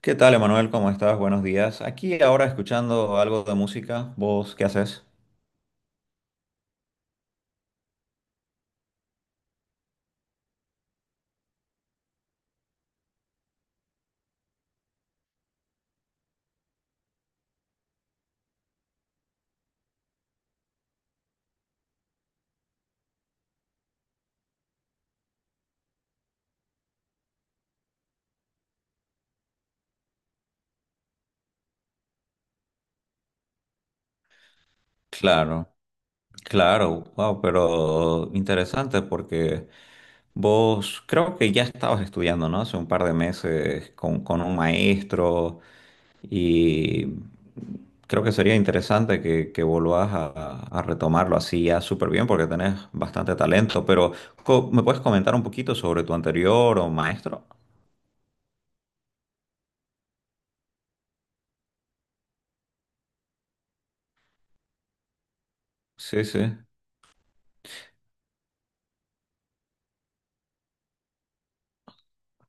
¿Qué tal, Emanuel? ¿Cómo estás? Buenos días. Aquí ahora escuchando algo de música. ¿Vos qué haces? Claro, claro, wow, pero interesante porque vos creo que ya estabas estudiando, ¿no? Hace un par de meses con un maestro y creo que sería interesante que volvás a retomarlo así ya súper bien porque tenés bastante talento, pero ¿me puedes comentar un poquito sobre tu anterior o maestro? Sí, sí.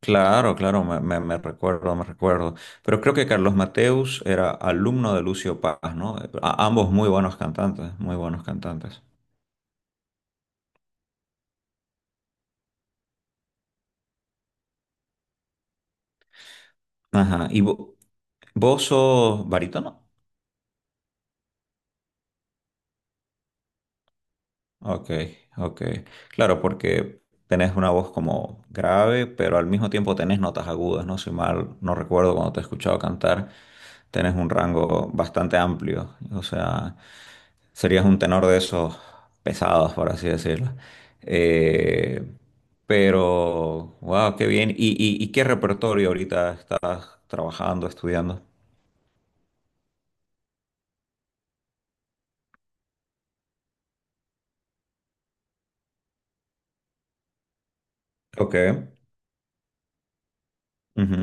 Claro, claro, me recuerdo, me recuerdo. Pero creo que Carlos Mateus era alumno de Lucio Paz, ¿no? Ambos muy buenos cantantes, muy buenos cantantes. Ajá, ¿y vos sos barítono? Ok, ok. Claro, porque tenés una voz como grave, pero al mismo tiempo tenés notas agudas, ¿no? Si mal no recuerdo cuando te he escuchado cantar, tenés un rango bastante amplio. O sea, serías un tenor de esos pesados, por así decirlo. Eh, pero, wow, qué bien. ¿Y qué repertorio ahorita estás trabajando, estudiando? Ok. Ujú.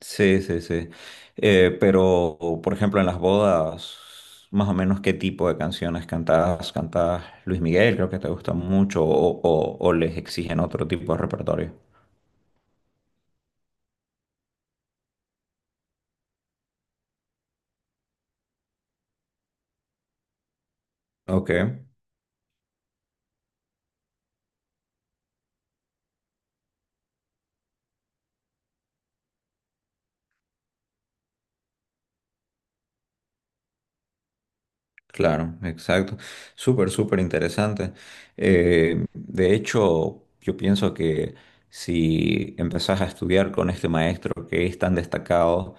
Sí, sí, sí. Pero, por ejemplo, en las bodas, más o menos, ¿qué tipo de canciones cantabas? ¿Cantabas Luis Miguel? Creo que te gusta mucho, o, o les exigen otro tipo de repertorio. Ok. Claro, exacto. Súper, súper interesante. De hecho, yo pienso que si empezás a estudiar con este maestro que es tan destacado,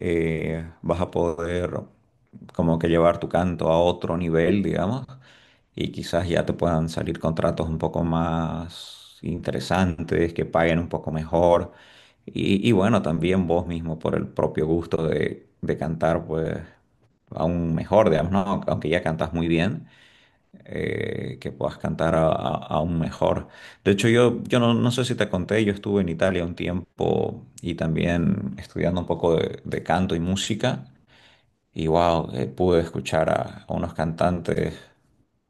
vas a poder como que llevar tu canto a otro nivel, digamos, y quizás ya te puedan salir contratos un poco más interesantes, que paguen un poco mejor. Y bueno, también vos mismo por el propio gusto de cantar, pues aún mejor, digamos, ¿no? Aunque ya cantas muy bien, que puedas cantar aún mejor. De hecho, yo no, no sé si te conté, yo estuve en Italia un tiempo y también estudiando un poco de canto y música. Y wow, pude escuchar a unos cantantes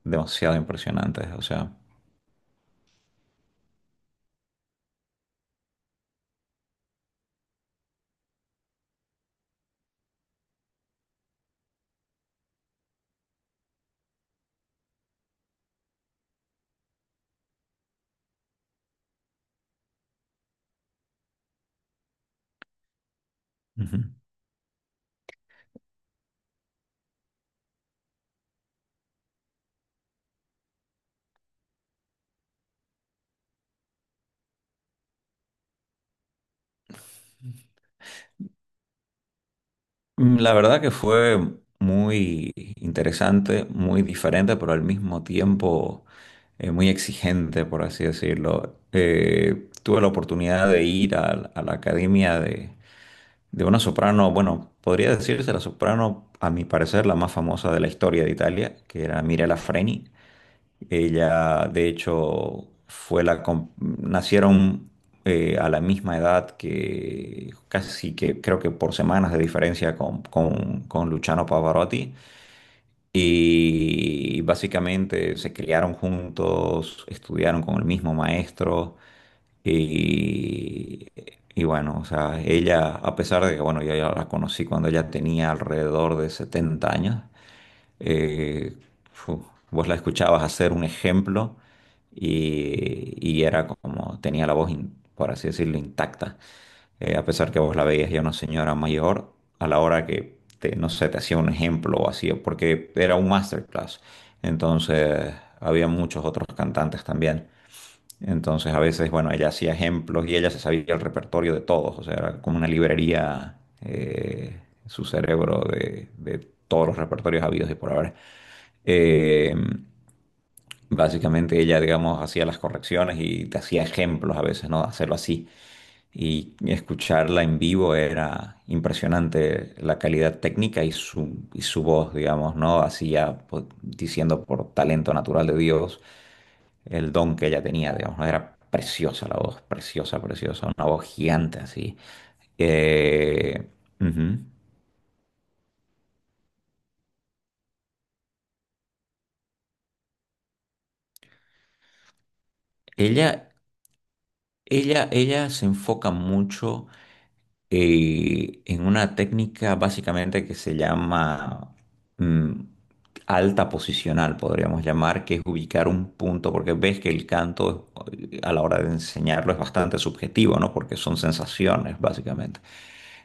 demasiado impresionantes, o sea. Ujú. La verdad que fue muy interesante, muy diferente, pero al mismo tiempo muy exigente, por así decirlo. Tuve la oportunidad de ir a la academia de una soprano, bueno, podría decirse la soprano, a mi parecer, la más famosa de la historia de Italia, que era Mirella Freni. Ella, de hecho, fue la nacieron a la misma edad que casi sí que creo que por semanas de diferencia con Luciano Pavarotti. Y básicamente se criaron juntos, estudiaron con el mismo maestro. Y, y bueno, o sea, ella, a pesar de que, bueno, yo ya la conocí cuando ella tenía alrededor de 70 años eh, fu, vos la escuchabas hacer un ejemplo y era como, tenía la voz, por así decirlo, intacta. A pesar que vos la veías ya una señora mayor, a la hora que, te, no sé, te hacía un ejemplo o así, porque era un masterclass. Entonces, había muchos otros cantantes también. Entonces, a veces, bueno, ella hacía ejemplos y ella se sabía el repertorio de todos, o sea, era como una librería, su cerebro de todos los repertorios habidos y por haber. Eh, Básicamente ella, digamos, hacía las correcciones y te hacía ejemplos a veces, ¿no? Hacerlo así. Y escucharla en vivo era impresionante la calidad técnica y su voz, digamos, ¿no? Hacía, pues, diciendo por talento natural de Dios el don que ella tenía, digamos, ¿no? Era preciosa la voz, preciosa, preciosa, una voz gigante así. Eh, Ujú. Ella, ella se enfoca mucho en una técnica básicamente que se llama mm, alta posicional, podríamos llamar, que es ubicar un punto, porque ves que el canto a la hora de enseñarlo es bastante subjetivo, ¿no? Porque son sensaciones, básicamente.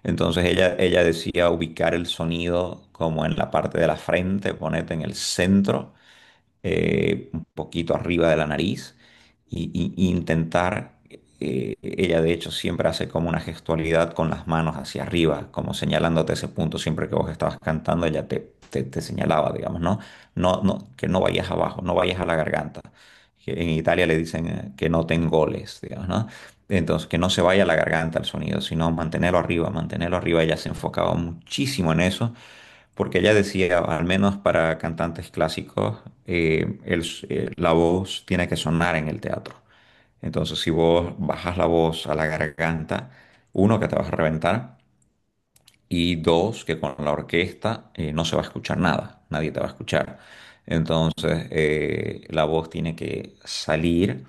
Entonces ella decía ubicar el sonido como en la parte de la frente, ponete en el centro un poquito arriba de la nariz y intentar, ella de hecho siempre hace como una gestualidad con las manos hacia arriba, como señalándote ese punto, siempre que vos estabas cantando, ella te señalaba, digamos, ¿no? No, no, que no vayas abajo, no vayas a la garganta. Que en Italia le dicen que no goles, digamos, ¿no? Entonces, que no se vaya a la garganta el sonido, sino mantenerlo arriba, mantenerlo arriba. Ella se enfocaba muchísimo en eso porque ella decía, al menos para cantantes clásicos, la voz tiene que sonar en el teatro. Entonces, si vos bajas la voz a la garganta, uno, que te vas a reventar, y dos, que con la orquesta no se va a escuchar nada, nadie te va a escuchar. Entonces, la voz tiene que salir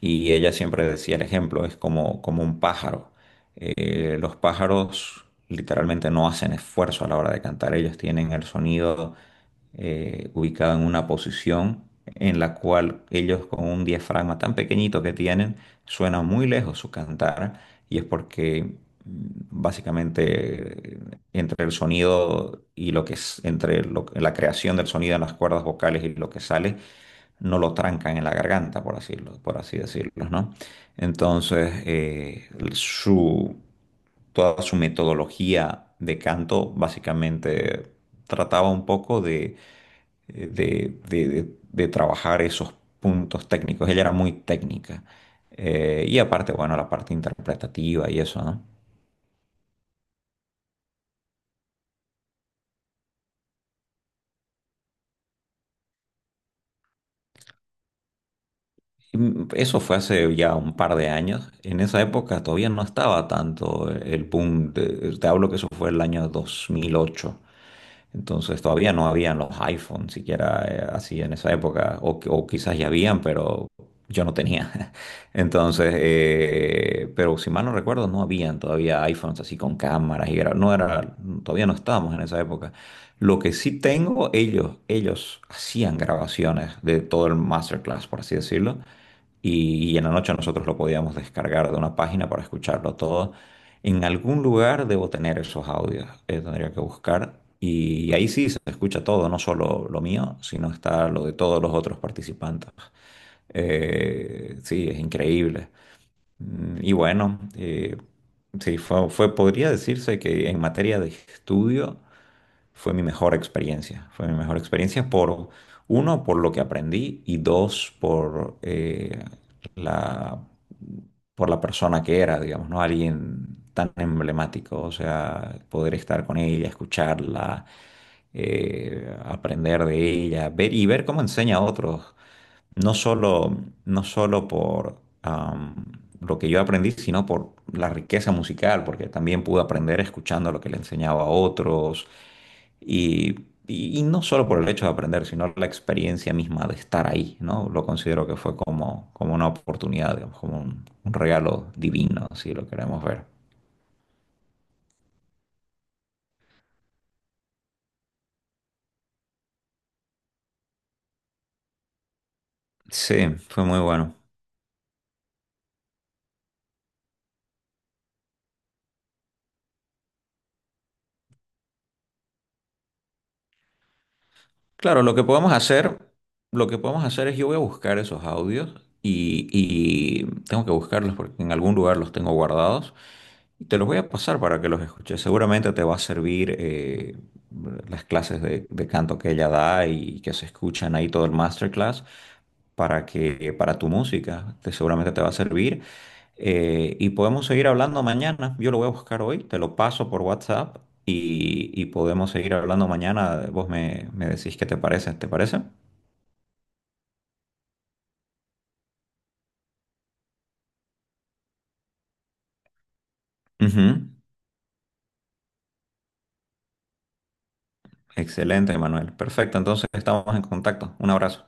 y ella siempre decía, el ejemplo es como un pájaro. Los pájaros literalmente no hacen esfuerzo a la hora de cantar. Ellos tienen el sonido ubicado en una posición en la cual ellos con un diafragma tan pequeñito que tienen, suena muy lejos su cantar. Y es porque mm, básicamente entre el sonido y lo que es, entre la creación del sonido en las cuerdas vocales y lo que sale, no lo trancan en la garganta, por así decirlo, ¿no? Entonces, toda su metodología de canto básicamente trataba un poco de trabajar esos puntos técnicos. Ella era muy técnica. Y aparte, bueno, la parte interpretativa y eso, ¿no? Eso fue hace ya un par de años. En esa época todavía no estaba tanto el boom. Te hablo que eso fue el año 2008. Entonces todavía no habían los iPhones siquiera así en esa época, o quizás ya habían, pero yo no tenía. Entonces, pero si mal no recuerdo, no habían todavía iPhones así con cámaras y no era, todavía no estábamos en esa época. Lo que sí tengo, ellos hacían grabaciones de todo el masterclass, por así decirlo, y en la noche nosotros lo podíamos descargar de una página para escucharlo todo. En algún lugar debo tener esos audios, tendría que buscar. Y ahí sí se escucha todo, no solo lo mío, sino está lo de todos los otros participantes. Sí, es increíble. Y bueno, sí, podría decirse que en materia de estudio fue mi mejor experiencia. Fue mi mejor experiencia por, uno, por lo que aprendí y dos, por la, por la persona que era, digamos, ¿no? Alguien tan emblemático, o sea, poder estar con ella, escucharla, aprender de ella, ver y ver cómo enseña a otros no solo, no solo por lo que yo aprendí, sino por la riqueza musical, porque también pude aprender escuchando lo que le enseñaba a otros y, y no solo por el hecho de aprender, sino la experiencia misma de estar ahí, ¿no? Lo considero que fue como, una oportunidad, digamos, como un regalo divino, si lo queremos ver. Sí, fue muy bueno. Claro, lo que podemos hacer, lo que podemos hacer es yo voy a buscar esos audios y tengo que buscarlos porque en algún lugar los tengo guardados y te los voy a pasar para que los escuches. Seguramente te va a servir las clases de canto que ella da y que se escuchan ahí todo el masterclass para que para tu música te, seguramente te va a servir. Y podemos seguir hablando mañana. Yo lo voy a buscar hoy, te lo paso por WhatsApp y podemos seguir hablando mañana. Vos me decís qué te parece, ¿te parece? Ujú. Excelente, Manuel. Perfecto, entonces estamos en contacto. Un abrazo.